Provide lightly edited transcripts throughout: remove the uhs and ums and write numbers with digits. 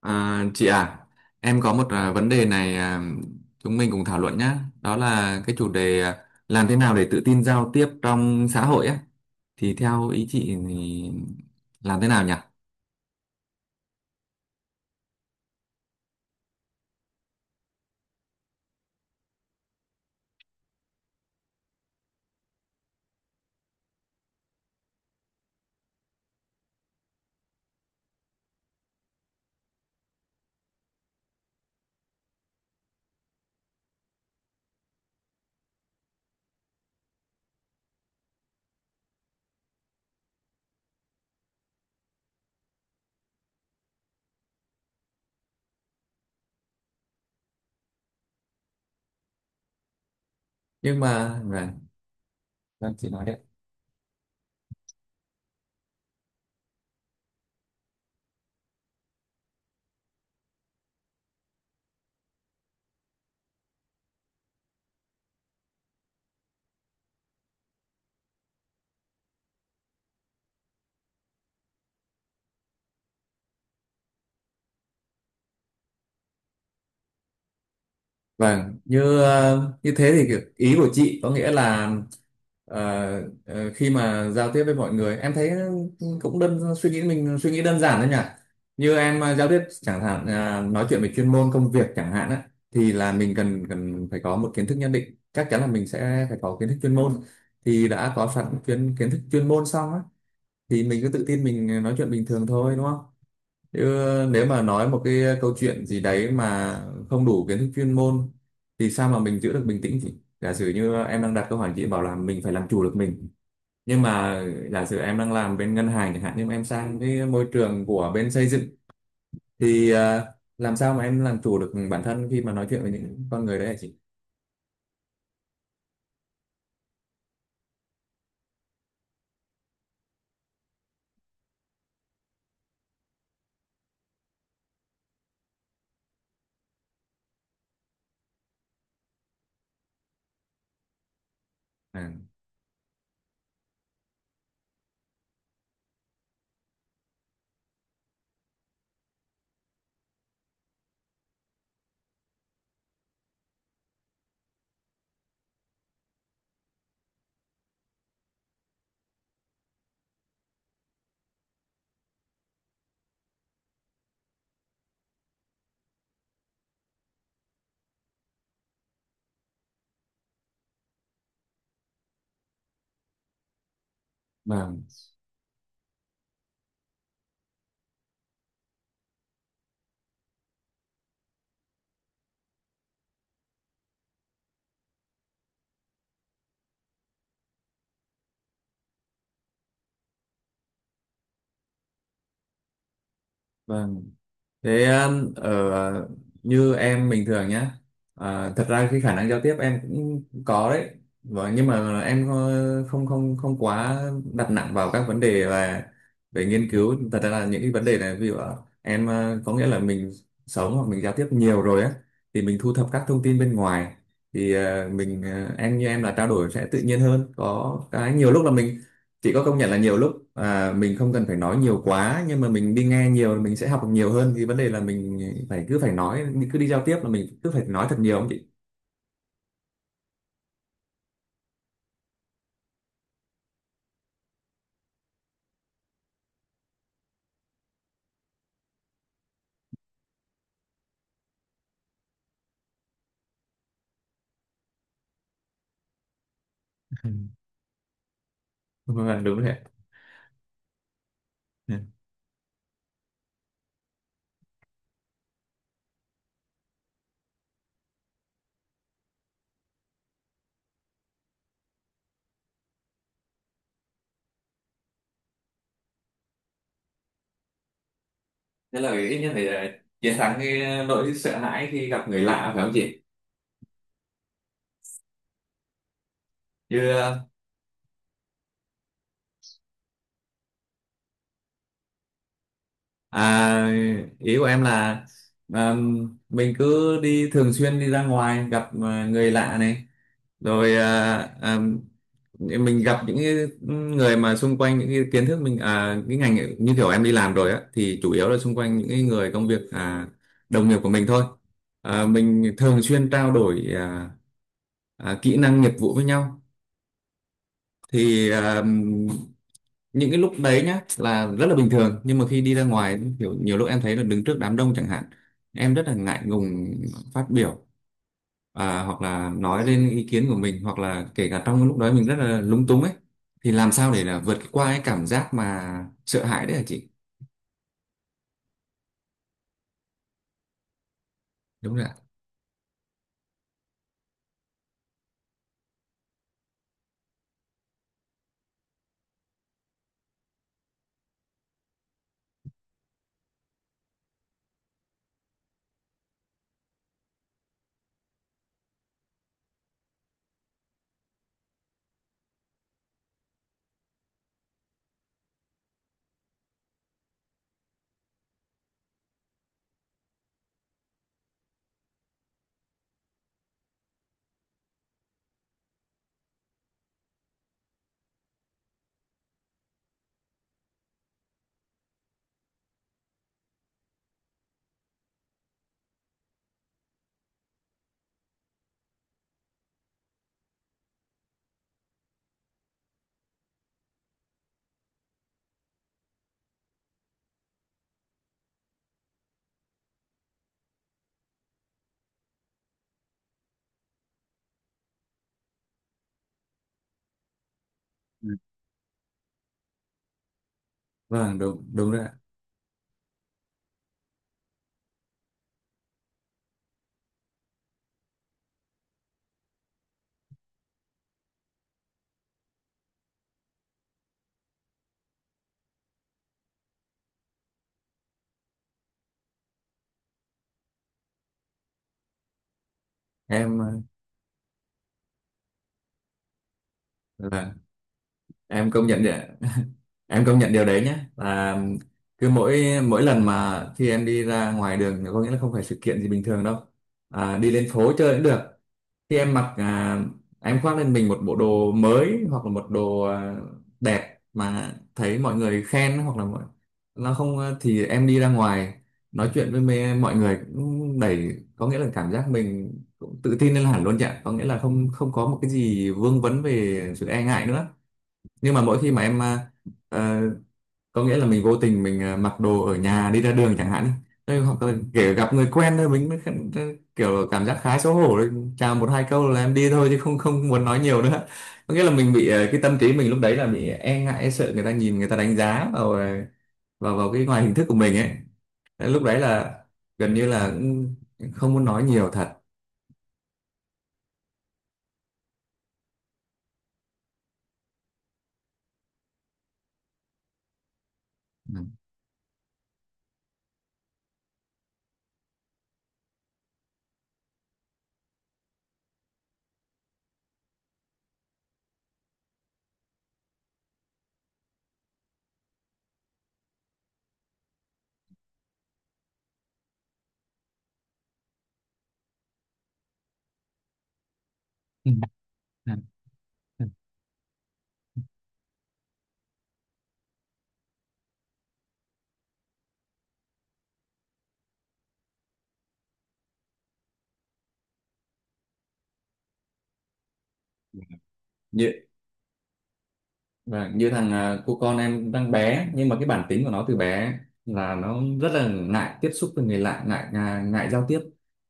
Chị à, em có một vấn đề này, à, chúng mình cùng thảo luận nhé. Đó là cái chủ đề, à, làm thế nào để tự tin giao tiếp trong xã hội á. Thì theo ý chị thì làm thế nào nhỉ? Nhưng mà, vâng, vâng, chị nói đi. Vâng, như thế thì ý của chị có nghĩa là ờ, khi mà giao tiếp với mọi người em thấy cũng đơn suy nghĩ mình suy nghĩ đơn giản thôi nhỉ. Như em giao tiếp chẳng hạn, nói chuyện về chuyên môn công việc chẳng hạn á thì là mình cần cần phải có một kiến thức nhất định, chắc chắn là mình sẽ phải có kiến thức chuyên môn. Thì đã có sẵn kiến kiến thức chuyên môn xong á thì mình cứ tự tin mình nói chuyện bình thường thôi đúng không? Chứ nếu mà nói một cái câu chuyện gì đấy mà không đủ kiến thức chuyên môn thì sao mà mình giữ được bình tĩnh chị? Giả sử như em đang đặt câu hỏi chị bảo là mình phải làm chủ được mình. Nhưng mà giả sử em đang làm bên ngân hàng chẳng hạn nhưng mà em sang cái môi trường của bên xây dựng thì làm sao mà em làm chủ được bản thân khi mà nói chuyện với những con người đấy hả chị? À, vâng, vâng. Thế ở như em bình thường nhá. À, thật ra cái khả năng giao tiếp em cũng có đấy. Và nhưng mà em không không không quá đặt nặng vào các vấn đề và về nghiên cứu. Thật ra là những cái vấn đề này ví dụ là em có nghĩa là mình sống hoặc mình giao tiếp nhiều rồi á thì mình thu thập các thông tin bên ngoài thì em như em là trao đổi sẽ tự nhiên hơn. Có cái nhiều lúc là mình chị có công nhận là nhiều lúc mình không cần phải nói nhiều quá nhưng mà mình đi nghe nhiều thì mình sẽ học được nhiều hơn thì vấn đề là mình cứ phải nói cứ đi giao tiếp là mình cứ phải nói thật nhiều không chị? Ừ. Vâng, đúng rồi ạ. Ừ. Thế là ít nhất phải chiến thắng cái nỗi sợ hãi khi gặp người lạ phải không chị? Như ờ, Ý của em là mình cứ đi thường xuyên đi ra ngoài gặp người lạ này, rồi mình gặp những cái người mà xung quanh những cái kiến thức mình cái ngành ấy, như kiểu em đi làm rồi á thì chủ yếu là xung quanh những cái người công việc, đồng nghiệp của mình thôi, à, mình thường xuyên trao đổi kỹ năng nghiệp vụ với nhau thì những cái lúc đấy nhá là rất là bình thường nhưng mà khi đi ra ngoài kiểu nhiều lúc em thấy là đứng trước đám đông chẳng hạn em rất là ngại ngùng phát biểu, hoặc là nói lên ý kiến của mình hoặc là kể cả trong cái lúc đó mình rất là lúng túng ấy thì làm sao để là vượt qua cái cảm giác mà sợ hãi đấy hả chị? Đúng rồi ạ. Ừ. Vâng, đúng đúng rồi ạ. Em ờ, là em công nhận đấy ạ, em công nhận điều đấy nhé là cứ mỗi mỗi lần mà khi em đi ra ngoài đường thì có nghĩa là không phải sự kiện gì bình thường đâu, đi lên phố chơi cũng được. Khi em em khoác lên mình một bộ đồ mới hoặc là một đồ đẹp mà thấy mọi người khen hoặc là mọi nó không à, thì em đi ra ngoài nói chuyện với mê, mọi người cũng đẩy có nghĩa là cảm giác mình cũng tự tin lên hẳn luôn chị ạ, có nghĩa là không không có một cái gì vương vấn về sự e ngại nữa. Nhưng mà mỗi khi mà em ờ, có nghĩa là mình vô tình mình mặc đồ ở nhà đi ra đường chẳng hạn. Đây, hoặc là kể gặp người quen thôi kiểu cảm giác khá xấu hổ đấy. Chào một hai câu là em đi thôi chứ không không muốn nói nhiều nữa, có nghĩa là mình bị cái tâm trí mình lúc đấy là bị e ngại e sợ người ta nhìn người ta đánh giá vào à, vào vào cái ngoài hình thức của mình ấy. Đấy, lúc đấy là gần như là cũng không muốn nói nhiều thật. Ừ. Ừ. Ừ. Ừ. Và như cô con em đang bé nhưng mà cái bản tính của nó từ bé là nó rất là ngại tiếp xúc với người lạ, ngại ngại, ngại giao tiếp.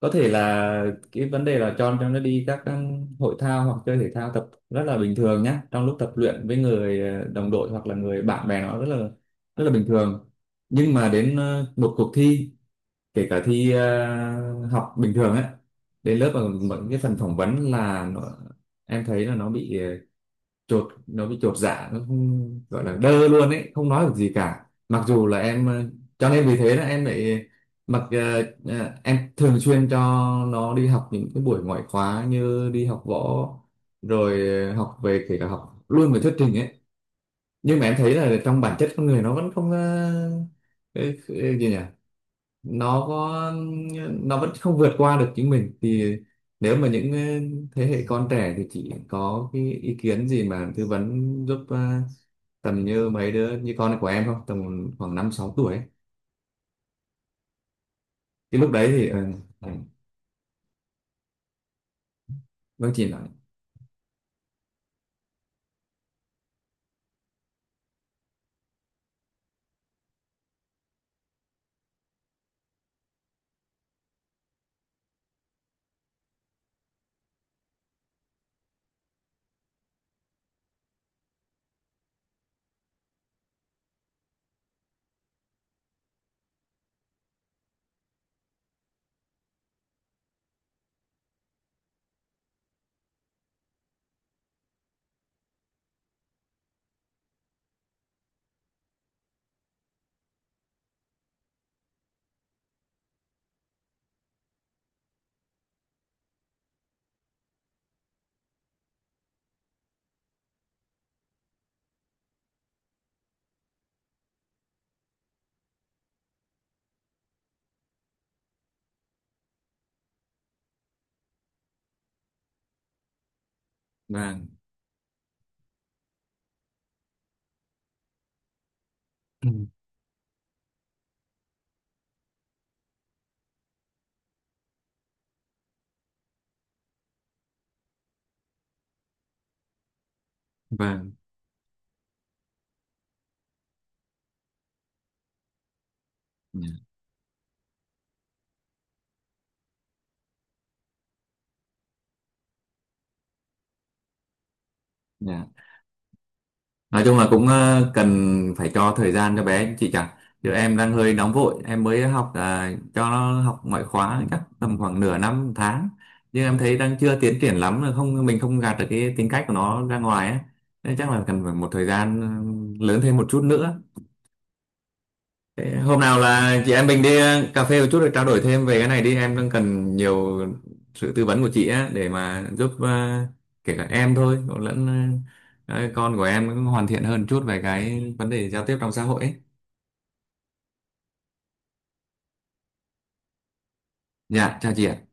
Có thể là cái vấn đề là cho nó đi các hội thao hoặc chơi thể thao tập rất là bình thường nhá, trong lúc tập luyện với người đồng đội hoặc là người bạn bè nó rất là bình thường, nhưng mà đến một cuộc thi, kể cả thi học bình thường ấy, đến lớp ở một cái phần phỏng vấn là nó, em thấy là nó bị à, chột nó bị chột dạ, nó không gọi là đơ luôn ấy không nói được gì cả, mặc dù là em cho nên vì thế là em lại em thường xuyên cho nó đi học những cái buổi ngoại khóa như đi học võ rồi học về kể cả học luôn về thuyết trình ấy. Nhưng mà em thấy là trong bản chất con người nó vẫn không ờ, cái gì nhỉ nó có nó vẫn không vượt qua được chính mình. Thì nếu mà những thế hệ con trẻ thì chị có cái ý kiến gì mà tư vấn giúp, tầm như mấy đứa như con của em không, tầm khoảng năm sáu tuổi ấy. Cái lúc đấy thì ờ, vâng chị nói. Vâng. Ừ. Vâng. Dạ. Dạ. Nói chung là cũng cần phải cho thời gian cho bé chị chẳng. Chứ em đang hơi nóng vội, em mới cho nó học ngoại khóa chắc tầm khoảng nửa năm một tháng. Nhưng em thấy đang chưa tiến triển lắm, là không mình không gạt được cái tính cách của nó ra ngoài ấy. Nên chắc là cần phải một thời gian lớn thêm một chút nữa. Thế hôm nào là chị em mình đi cà phê một chút để trao đổi thêm về cái này đi, em đang cần nhiều sự tư vấn của chị á để mà giúp, kể cả em thôi cũng lẫn con của em cũng hoàn thiện hơn chút về cái vấn đề giao tiếp trong xã hội ấy. Dạ chào chị ạ.